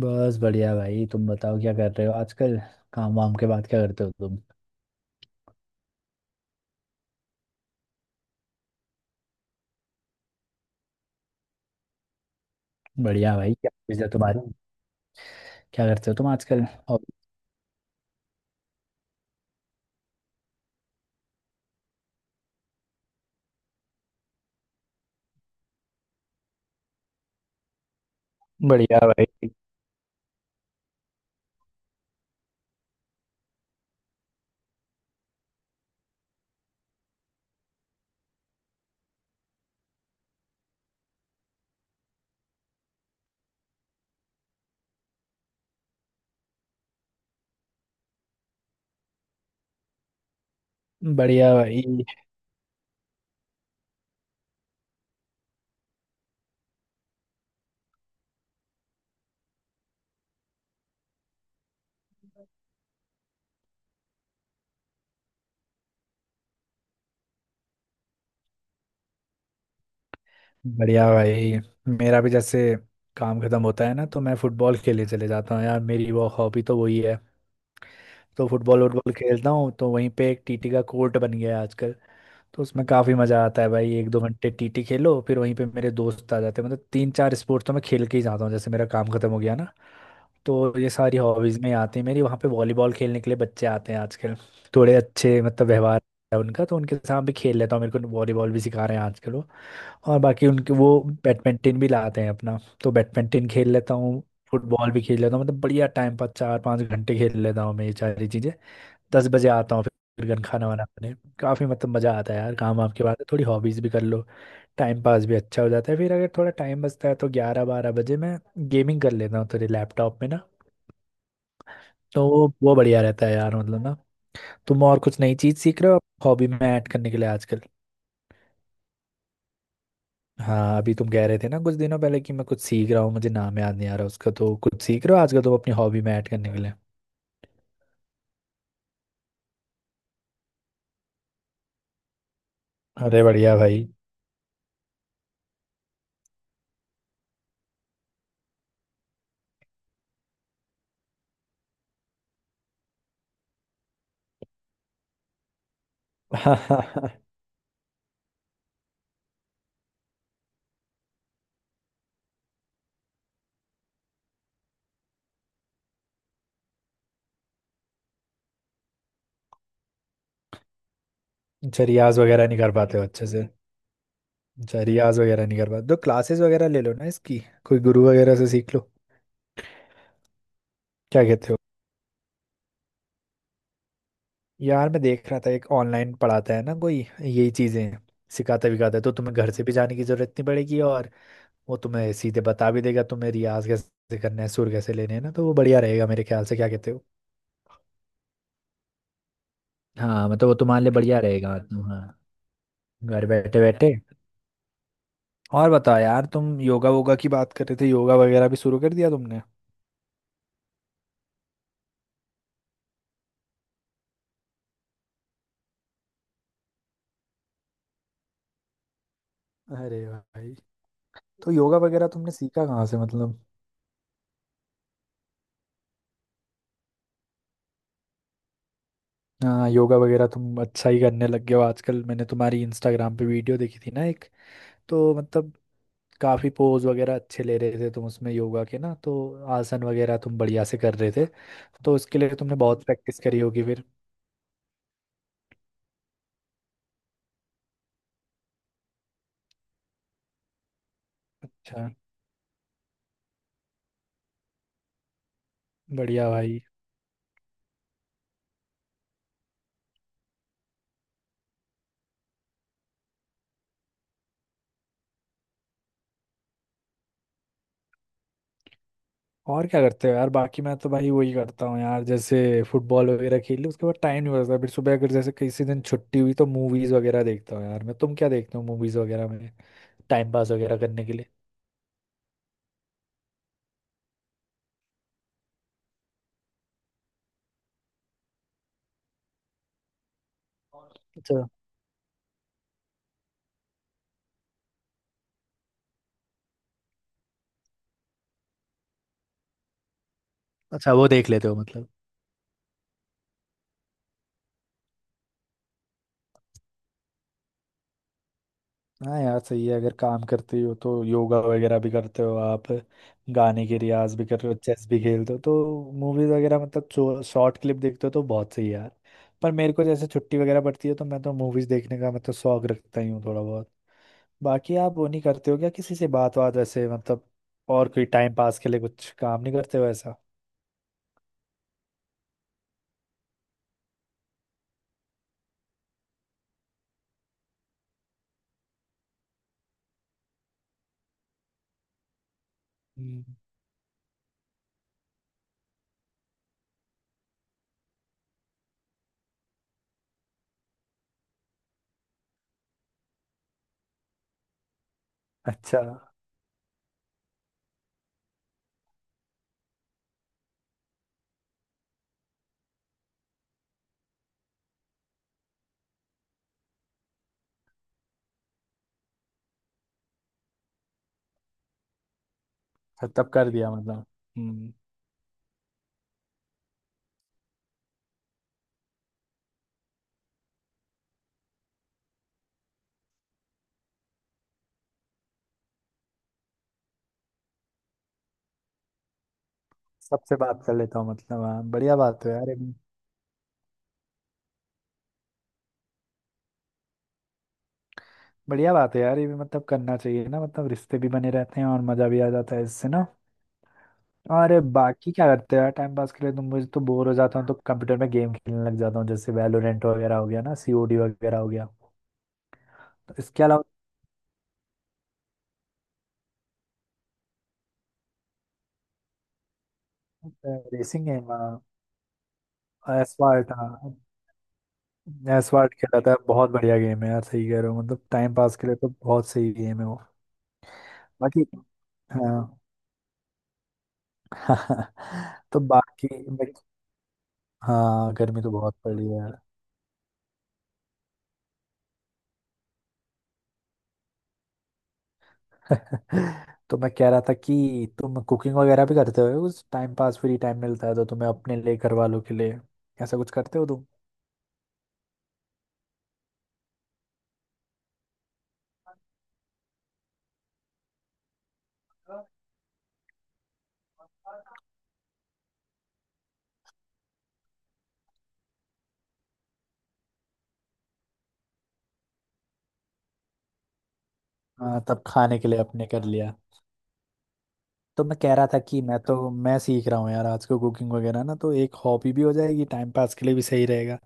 बस बढ़िया भाई, तुम बताओ क्या कर रहे हो आजकल। काम वाम के बाद क्या करते हो तुम। बढ़िया भाई, क्या चीज़ है तुम्हारी। क्या करते हो तुम आजकल। और। बढ़िया भाई। बढ़िया भाई। बढ़िया भाई, मेरा भी जैसे काम खत्म होता है ना तो मैं फुटबॉल खेलने चले जाता हूँ यार, मेरी वो हॉबी तो वही है। तो फुटबॉल वुटबॉल खेलता हूँ, तो वहीं पे एक टीटी का कोर्ट बन गया है आजकल। तो उसमें काफ़ी मज़ा आता है भाई, 1-2 घंटे टीटी खेलो फिर वहीं पे मेरे दोस्त आ जाते हैं, मतलब तीन चार स्पोर्ट्स तो मैं खेल के ही जाता हूँ जैसे मेरा काम खत्म हो गया ना। तो ये सारी हॉबीज में आती है मेरी, वहाँ पे वॉलीबॉल खेलने के लिए बच्चे आते हैं आजकल। थोड़े अच्छे मतलब व्यवहार है उनका, तो उनके साथ भी खेल लेता हूँ, मेरे को वॉलीबॉल भी सिखा रहे हैं आजकल वो। और बाकी उनके वो बैडमिंटन भी लाते हैं अपना, तो बैडमिंटन खेल लेता हूँ। फुटबॉल भी खेल लेता हूँ, मतलब बढ़िया टाइम पास, 4-5 घंटे खेल लेता हूँ मैं ये सारी चीज़ें। 10 बजे आता हूँ फिर घर खाना वाना खाने। काफ़ी मतलब मज़ा आता है यार, काम वाम के बाद थोड़ी हॉबीज़ भी कर लो, टाइम पास भी अच्छा हो जाता है। फिर अगर थोड़ा टाइम बचता है तो 11-12 बजे मैं गेमिंग कर लेता हूँ थोड़ी लैपटॉप में ना। तो वो बढ़िया रहता है यार, मतलब ना। तुम और कुछ नई चीज सीख रहे हो, हॉबी में ऐड करने के लिए आजकल। हाँ, अभी तुम कह रहे थे ना कुछ दिनों पहले कि मैं कुछ सीख रहा हूँ, मुझे नाम याद नहीं आ रहा उसका, तो कुछ सीख रहे हो आजकल तुम अपनी हॉबी में ऐड करने के लिए। अरे बढ़िया भाई। अच्छा, रियाज वगैरह नहीं कर पाते हो अच्छे से। अच्छा, रियाज वगैरह नहीं कर पाते तो क्लासेस वगैरह ले लो ना इसकी, कोई गुरु वगैरह से सीख लो। क्या कहते हो। यार, मैं देख रहा था एक ऑनलाइन पढ़ाता है ना कोई, यही चीजें सिखाता विखाता है, तो तुम्हें घर से भी जाने की जरूरत नहीं पड़ेगी, और वो तुम्हें सीधे बता भी देगा तुम्हें रियाज कैसे करना है सुर कैसे लेने हैं ना, तो वो बढ़िया रहेगा मेरे ख्याल से, क्या कहते हो। हाँ, मतलब वो तुम्हारे लिए बढ़िया रहेगा तुम, हाँ, घर बैठे बैठे। और बताओ यार, तुम योगा वोगा की बात कर रहे थे, योगा वगैरह भी शुरू कर दिया तुमने। अरे भाई, तो योगा वगैरह तुमने सीखा कहाँ से मतलब। हाँ, योगा वगैरह तुम अच्छा ही करने लग गए हो आजकल, मैंने तुम्हारी इंस्टाग्राम पे वीडियो देखी थी ना एक, तो मतलब काफी पोज वगैरह अच्छे ले रहे थे तुम उसमें योगा के ना, तो आसन वगैरह तुम बढ़िया से कर रहे थे, तो उसके लिए तुमने बहुत प्रैक्टिस करी होगी फिर। अच्छा। बढ़िया भाई। और क्या करते हो यार बाकी, मैं तो भाई वही करता हूँ यार, जैसे फुटबॉल वगैरह खेल ली उसके बाद टाइम नहीं बचता, फिर सुबह अगर जैसे किसी दिन छुट्टी हुई तो मूवीज वगैरह देखता हूँ यार मैं, तुम क्या देखते हो मूवीज वगैरह में, टाइम पास वगैरह करने के लिए। अच्छा। अच्छा, वो देख लेते हो मतलब। हाँ यार सही है, अगर काम करते हो तो योगा वगैरह भी करते हो आप, गाने के रियाज भी कर रहे हो, चेस भी खेलते हो, तो मूवीज वगैरह मतलब शॉर्ट क्लिप देखते हो, तो बहुत सही है यार। पर मेरे को जैसे छुट्टी वगैरह पड़ती है तो मैं तो मूवीज देखने का मतलब शौक रखता ही हूँ थोड़ा बहुत। बाकी आप वो नहीं करते हो क्या, किसी से बात बात वैसे मतलब, और कोई टाइम पास के लिए कुछ काम नहीं करते हो ऐसा। हम्म, अच्छा। तब कर दिया मतलब। हम्म। सबसे बात कर लेता हूँ मतलब, हाँ, बढ़िया बात है यार। बढ़िया बात है यार, ये भी मतलब करना चाहिए ना, मतलब रिश्ते भी बने रहते हैं और मजा भी आ जाता है इससे ना। और बाकी क्या करते हो यार टाइम पास के लिए तुम, मुझे तो बोर हो जाता हूँ तो कंप्यूटर में गेम खेलने लग जाता हूँ, जैसे वैलोरेंट वगैरह हो गया ना, सीओडी वगैरह हो गया, तो इसके अलावा। रेसिंग गेम, एसवाल्ट, हाँ। एसवाल्ट खेला था, बहुत बढ़िया गेम है यार, सही कह रहे हो, मतलब टाइम पास के लिए तो बहुत सही गेम है वो। बाकी, हाँ। तो बाकी बाकी- हाँ, गर्मी तो बहुत पड़ी है। तो मैं कह रहा था कि तुम कुकिंग वगैरह भी करते हो उस टाइम पास, फ्री टाइम मिलता है तो तुम्हें अपने लिए घर वालों के लिए ऐसा कुछ करते हो तुम। हाँ, तब खाने के लिए अपने कर लिया। तो मैं कह रहा था कि मैं सीख रहा हूँ यार आज को कुकिंग वगैरह ना, तो एक हॉबी भी हो जाएगी, टाइम पास के लिए भी सही रहेगा,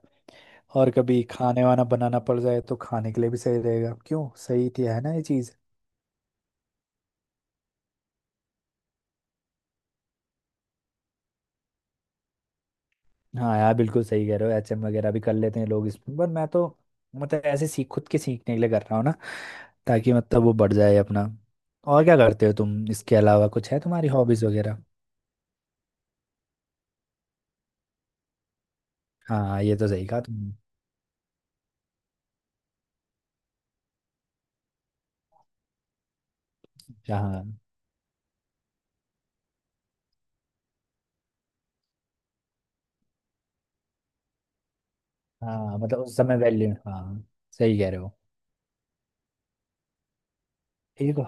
और कभी खाने वाना बनाना पड़ जाए तो खाने के लिए भी सही रहेगा, क्यों सही थी है ना ये चीज़। हाँ यार, बिल्कुल सही कह रहे हो, एचएम वगैरह भी कर लेते हैं लोग इसमें, पर मैं तो मतलब ऐसे सीख खुद के सीखने के लिए कर रहा हूँ ना, ताकि मतलब वो बढ़ जाए अपना। और क्या करते हो तुम, इसके अलावा कुछ है तुम्हारी हॉबीज वगैरह। हाँ ये तो सही कहा तुमने। हाँ। हाँ मतलब उस समय वैल्यू, हाँ सही कह रहे हो। ठीक हो।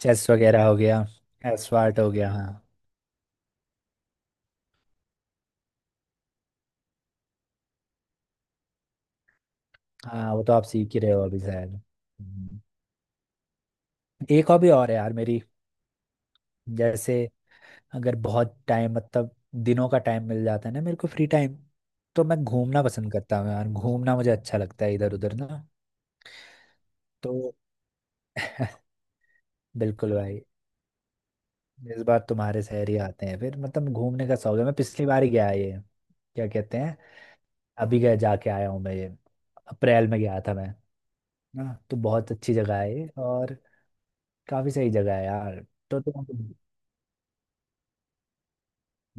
चेस वगैरह हो गया, एस्वार्ट हो गया, हाँ। हाँ, वो तो आप सीख ही रहे हो अभी शायद। हम्म। एक हॉबी और है यार मेरी, जैसे अगर बहुत टाइम मतलब दिनों का टाइम मिल जाता है ना मेरे को फ्री टाइम, तो मैं घूमना पसंद करता हूँ यार, घूमना मुझे अच्छा लगता है इधर उधर ना। तो बिल्कुल भाई, इस बार तुम्हारे शहर ही आते हैं फिर, मतलब घूमने का शौक है, मैं पिछली बार ही गया ये, क्या कहते हैं, अभी गया जाके आया हूँ मैं ये, अप्रैल में गया था मैं। हाँ तो बहुत अच्छी जगह है ये, और काफी सही जगह है यार। तो तुम,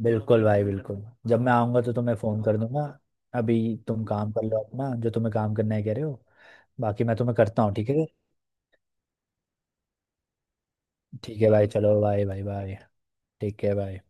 बिल्कुल भाई बिल्कुल, जब मैं आऊंगा तो तुम्हें फोन कर दूंगा। अभी तुम काम कर लो अपना जो तुम्हें काम करना है कह रहे हो, बाकी मैं तुम्हें करता हूँ ठीक है। ठीक है भाई, चलो बाय बाय बाय। ठीक है भाई।